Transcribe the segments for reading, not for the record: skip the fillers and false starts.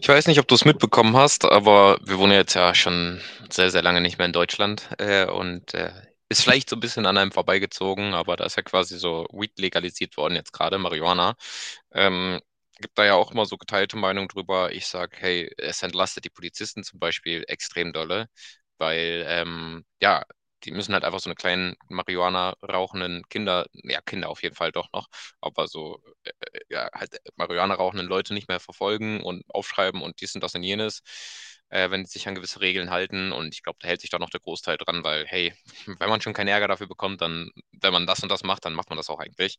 Ich weiß nicht, ob du es mitbekommen hast, aber wir wohnen ja jetzt ja schon sehr, sehr lange nicht mehr in Deutschland und ist vielleicht so ein bisschen an einem vorbeigezogen, aber da ist ja quasi so Weed legalisiert worden jetzt gerade, Marihuana. Ähm, Gibt da ja auch immer so geteilte Meinung drüber. Ich sage, hey, es entlastet die Polizisten zum Beispiel extrem dolle, weil ja, die müssen halt einfach so eine kleinen Marihuana rauchenden Kinder, ja, Kinder auf jeden Fall doch noch, aber so ja, halt Marihuana rauchenden Leute nicht mehr verfolgen und aufschreiben und dies und das und jenes, wenn sie sich an gewisse Regeln halten. Und ich glaube, da hält sich da noch der Großteil dran, weil, hey, wenn man schon keinen Ärger dafür bekommt, dann, wenn man das und das macht, dann macht man das auch eigentlich.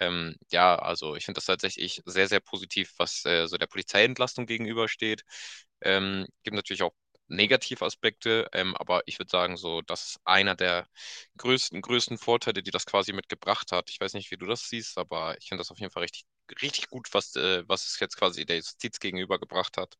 Ja, also ich finde das tatsächlich sehr, sehr positiv, was so der Polizeientlastung gegenübersteht. Gibt natürlich auch Negativaspekte, aber ich würde sagen, so, das ist einer der größten, größten Vorteile, die das quasi mitgebracht hat. Ich weiß nicht, wie du das siehst, aber ich finde das auf jeden Fall richtig richtig gut, was es jetzt quasi der Justiz gegenübergebracht hat.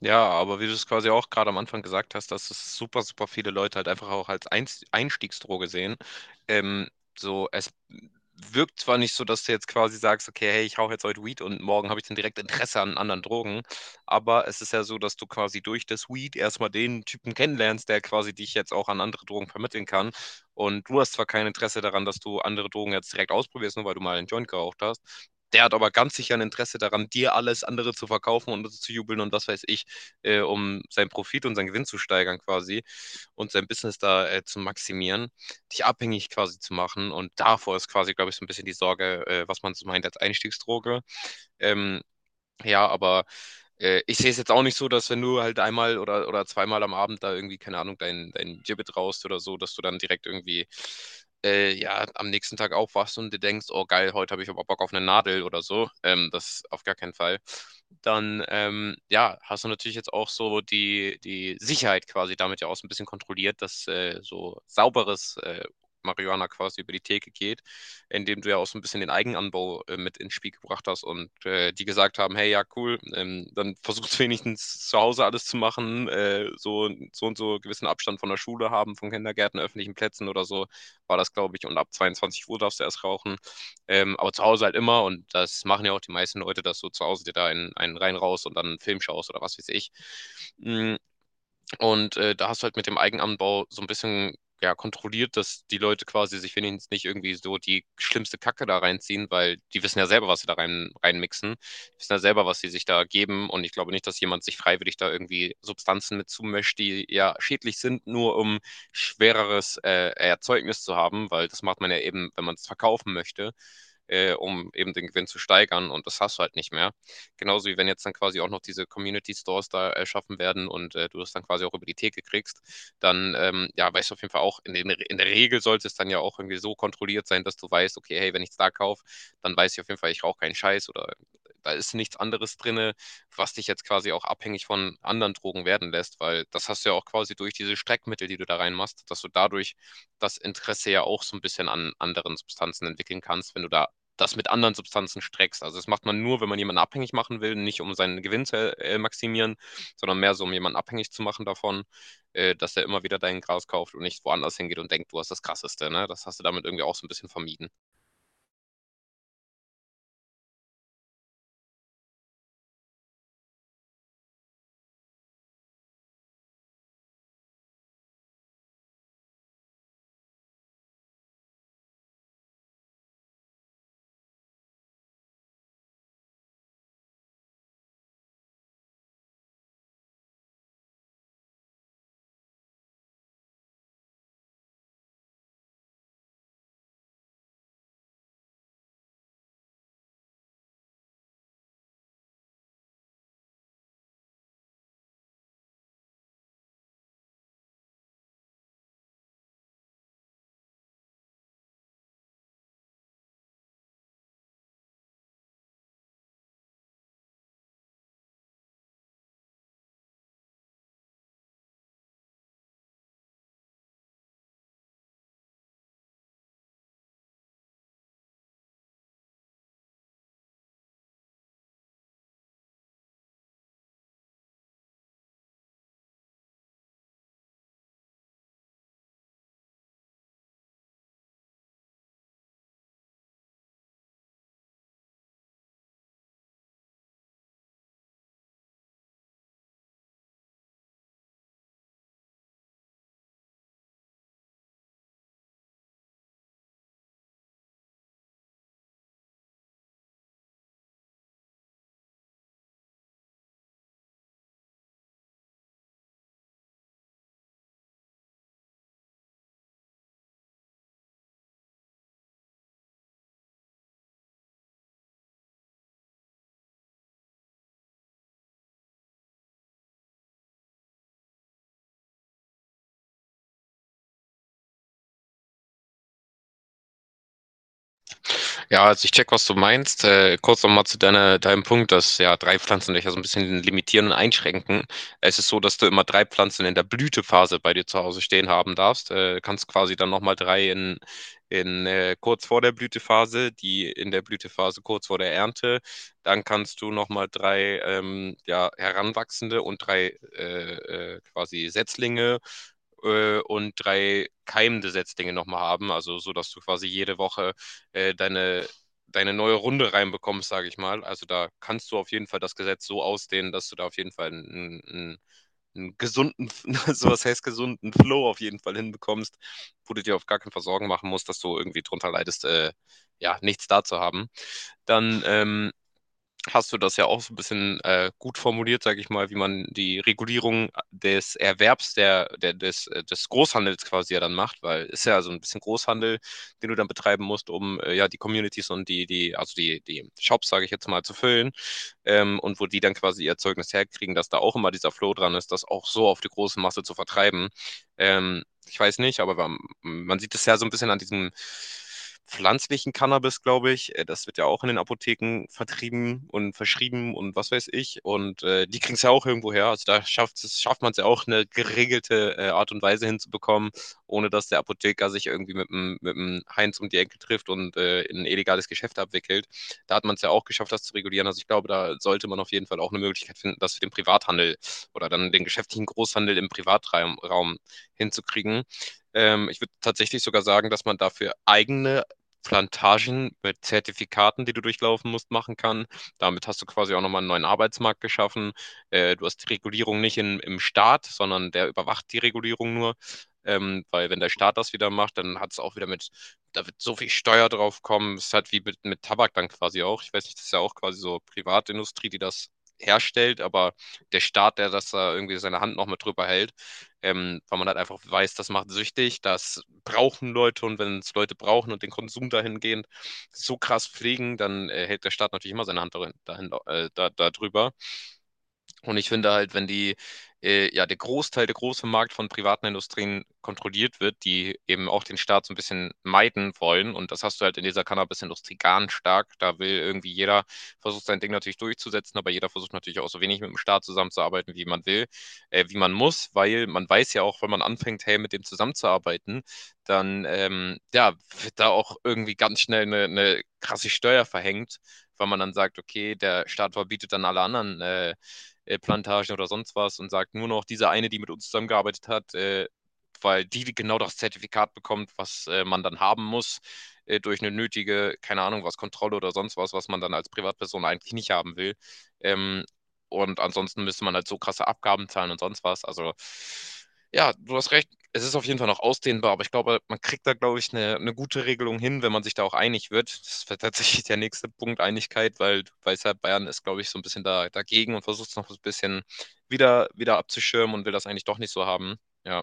Ja, aber wie du es quasi auch gerade am Anfang gesagt hast, dass es super, super viele Leute halt einfach auch als Einstiegsdroge sehen. Ähm, so, es wirkt zwar nicht so, dass du jetzt quasi sagst, okay, hey, ich hau jetzt heute Weed und morgen habe ich dann direkt Interesse an anderen Drogen, aber es ist ja so, dass du quasi durch das Weed erstmal den Typen kennenlernst, der quasi dich jetzt auch an andere Drogen vermitteln kann. Und du hast zwar kein Interesse daran, dass du andere Drogen jetzt direkt ausprobierst, nur weil du mal einen Joint geraucht hast. Der hat aber ganz sicher ein Interesse daran, dir alles andere zu verkaufen und zu jubeln und was weiß ich um seinen Profit und seinen Gewinn zu steigern quasi und sein Business da zu maximieren, dich abhängig quasi zu machen. Und davor ist quasi, glaube ich, so ein bisschen die Sorge, was man so meint als Einstiegsdroge. Ähm, ja, aber ich sehe es jetzt auch nicht so, dass wenn du halt einmal oder zweimal am Abend da irgendwie, keine Ahnung, dein Gibbet raust oder so, dass du dann direkt irgendwie ja, am nächsten Tag aufwachst und dir denkst, oh geil, heute habe ich aber Bock auf eine Nadel oder so. Das auf gar keinen Fall. Dann ja, hast du natürlich jetzt auch so die Sicherheit quasi damit ja auch so ein bisschen kontrolliert, dass so sauberes Marihuana quasi über die Theke geht, indem du ja auch so ein bisschen den Eigenanbau mit ins Spiel gebracht hast und die gesagt haben, hey, ja, cool, dann versucht wenigstens zu Hause alles zu machen, so, so und so gewissen Abstand von der Schule haben, von Kindergärten, öffentlichen Plätzen oder so, war das, glaube ich, und ab 22 Uhr darfst du erst rauchen, aber zu Hause halt immer und das machen ja auch die meisten Leute, dass du zu Hause dir da einen rein raus und dann einen Film schaust oder was weiß ich. Mhm, und da hast du halt mit dem Eigenanbau so ein bisschen ja, kontrolliert, dass die Leute quasi sich wenigstens nicht irgendwie so die schlimmste Kacke da reinziehen, weil die wissen ja selber, was sie da reinmixen. Die wissen ja selber, was sie sich da geben. Und ich glaube nicht, dass jemand sich freiwillig da irgendwie Substanzen mit zumischt, die ja schädlich sind, nur um schwereres Erzeugnis zu haben, weil das macht man ja eben, wenn man es verkaufen möchte, um eben den Gewinn zu steigern. Und das hast du halt nicht mehr. Genauso wie wenn jetzt dann quasi auch noch diese Community Stores da erschaffen werden und du das dann quasi auch über die Theke kriegst, dann ja, weißt du auf jeden Fall auch, in, den, in der Regel sollte es dann ja auch irgendwie so kontrolliert sein, dass du weißt, okay, hey, wenn ich es da kaufe, dann weiß ich auf jeden Fall, ich rauche keinen Scheiß oder da ist nichts anderes drin, was dich jetzt quasi auch abhängig von anderen Drogen werden lässt, weil das hast du ja auch quasi durch diese Streckmittel, die du da reinmachst, dass du dadurch das Interesse ja auch so ein bisschen an anderen Substanzen entwickeln kannst, wenn du da das mit anderen Substanzen streckst. Also das macht man nur, wenn man jemanden abhängig machen will, nicht um seinen Gewinn zu maximieren, sondern mehr so, um jemanden abhängig zu machen davon, dass er immer wieder dein Gras kauft und nicht woanders hingeht und denkt, du hast das Krasseste. Ne? Das hast du damit irgendwie auch so ein bisschen vermieden. Ja, also ich check, was du meinst. Kurz nochmal zu deinem Punkt, dass ja drei Pflanzen dich ja so ein bisschen limitieren und einschränken. Es ist so, dass du immer drei Pflanzen in der Blütephase bei dir zu Hause stehen haben darfst. Kannst quasi dann nochmal drei in kurz vor der Blütephase, die in der Blütephase kurz vor der Ernte. Dann kannst du nochmal drei ja, Heranwachsende und drei quasi Setzlinge und drei keimende Setzlinge nochmal haben, also so, dass du quasi jede Woche äh, deine, deine neue Runde reinbekommst, sage ich mal. Also da kannst du auf jeden Fall das Gesetz so ausdehnen, dass du da auf jeden Fall einen gesunden, also was heißt gesunden Flow auf jeden Fall hinbekommst, wo du dir auf gar keinen Fall Sorgen machen musst, dass du irgendwie drunter leidest, ja, nichts da zu haben. Dann hast du das ja auch so ein bisschen gut formuliert, sage ich mal, wie man die Regulierung des Erwerbs des Großhandels quasi ja dann macht, weil es ist ja so ein bisschen Großhandel, den du dann betreiben musst, um ja die Communities und also die Shops, sage ich jetzt mal, zu füllen, und wo die dann quasi ihr Zeugnis herkriegen, dass da auch immer dieser Flow dran ist, das auch so auf die große Masse zu vertreiben. Ich weiß nicht, aber man sieht es ja so ein bisschen an diesem pflanzlichen Cannabis, glaube ich. Das wird ja auch in den Apotheken vertrieben und verschrieben und was weiß ich. Und die kriegen es ja auch irgendwo her. Also da schafft man es ja auch, eine geregelte Art und Weise hinzubekommen, ohne dass der Apotheker sich irgendwie mit dem Heinz um die Ecke trifft und in ein illegales Geschäft abwickelt. Da hat man es ja auch geschafft, das zu regulieren. Also ich glaube, da sollte man auf jeden Fall auch eine Möglichkeit finden, das für den Privathandel oder dann den geschäftlichen Großhandel im Privatraum Raum hinzukriegen. Ich würde tatsächlich sogar sagen, dass man dafür eigene Plantagen mit Zertifikaten, die du durchlaufen musst, machen kann. Damit hast du quasi auch nochmal einen neuen Arbeitsmarkt geschaffen. Du hast die Regulierung nicht in, im Staat, sondern der überwacht die Regulierung nur. Weil wenn der Staat das wieder macht, dann hat es auch wieder mit, da wird so viel Steuer drauf kommen. Es ist halt wie mit Tabak dann quasi auch. Ich weiß nicht, das ist ja auch quasi so Privatindustrie, die das herstellt, aber der Staat, der das da irgendwie seine Hand noch mit drüber hält, weil man halt einfach weiß, das macht süchtig, das brauchen Leute, und wenn es Leute brauchen und den Konsum dahingehend so krass pflegen, dann hält der Staat natürlich immer seine Hand darin, dahin, da drüber. Und ich finde halt, wenn ja, der Großteil, der große Markt von privaten Industrien kontrolliert wird, die eben auch den Staat so ein bisschen meiden wollen, und das hast du halt in dieser Cannabis-Industrie ganz stark, da will irgendwie jeder, versucht sein Ding natürlich durchzusetzen, aber jeder versucht natürlich auch so wenig mit dem Staat zusammenzuarbeiten, wie man will, wie man muss, weil man weiß ja auch, wenn man anfängt, hey, mit dem zusammenzuarbeiten, dann, ja, wird da auch irgendwie ganz schnell eine krasse Steuer verhängt, weil man dann sagt, okay, der Staat verbietet dann alle anderen, Plantagen oder sonst was, und sagt nur noch diese eine, die mit uns zusammengearbeitet hat, weil die genau das Zertifikat bekommt, was man dann haben muss, durch eine nötige, keine Ahnung, was, Kontrolle oder sonst was, was man dann als Privatperson eigentlich nicht haben will. Ähm, und ansonsten müsste man halt so krasse Abgaben zahlen und sonst was. Also ja, du hast recht, es ist auf jeden Fall noch ausdehnbar, aber ich glaube, man kriegt da, glaube ich, eine gute Regelung hin, wenn man sich da auch einig wird. Das wäre tatsächlich der nächste Punkt, Einigkeit, weil du weißt ja, Bayern ist, glaube ich, so ein bisschen dagegen und versucht es noch so ein bisschen wieder abzuschirmen und will das eigentlich doch nicht so haben. Ja,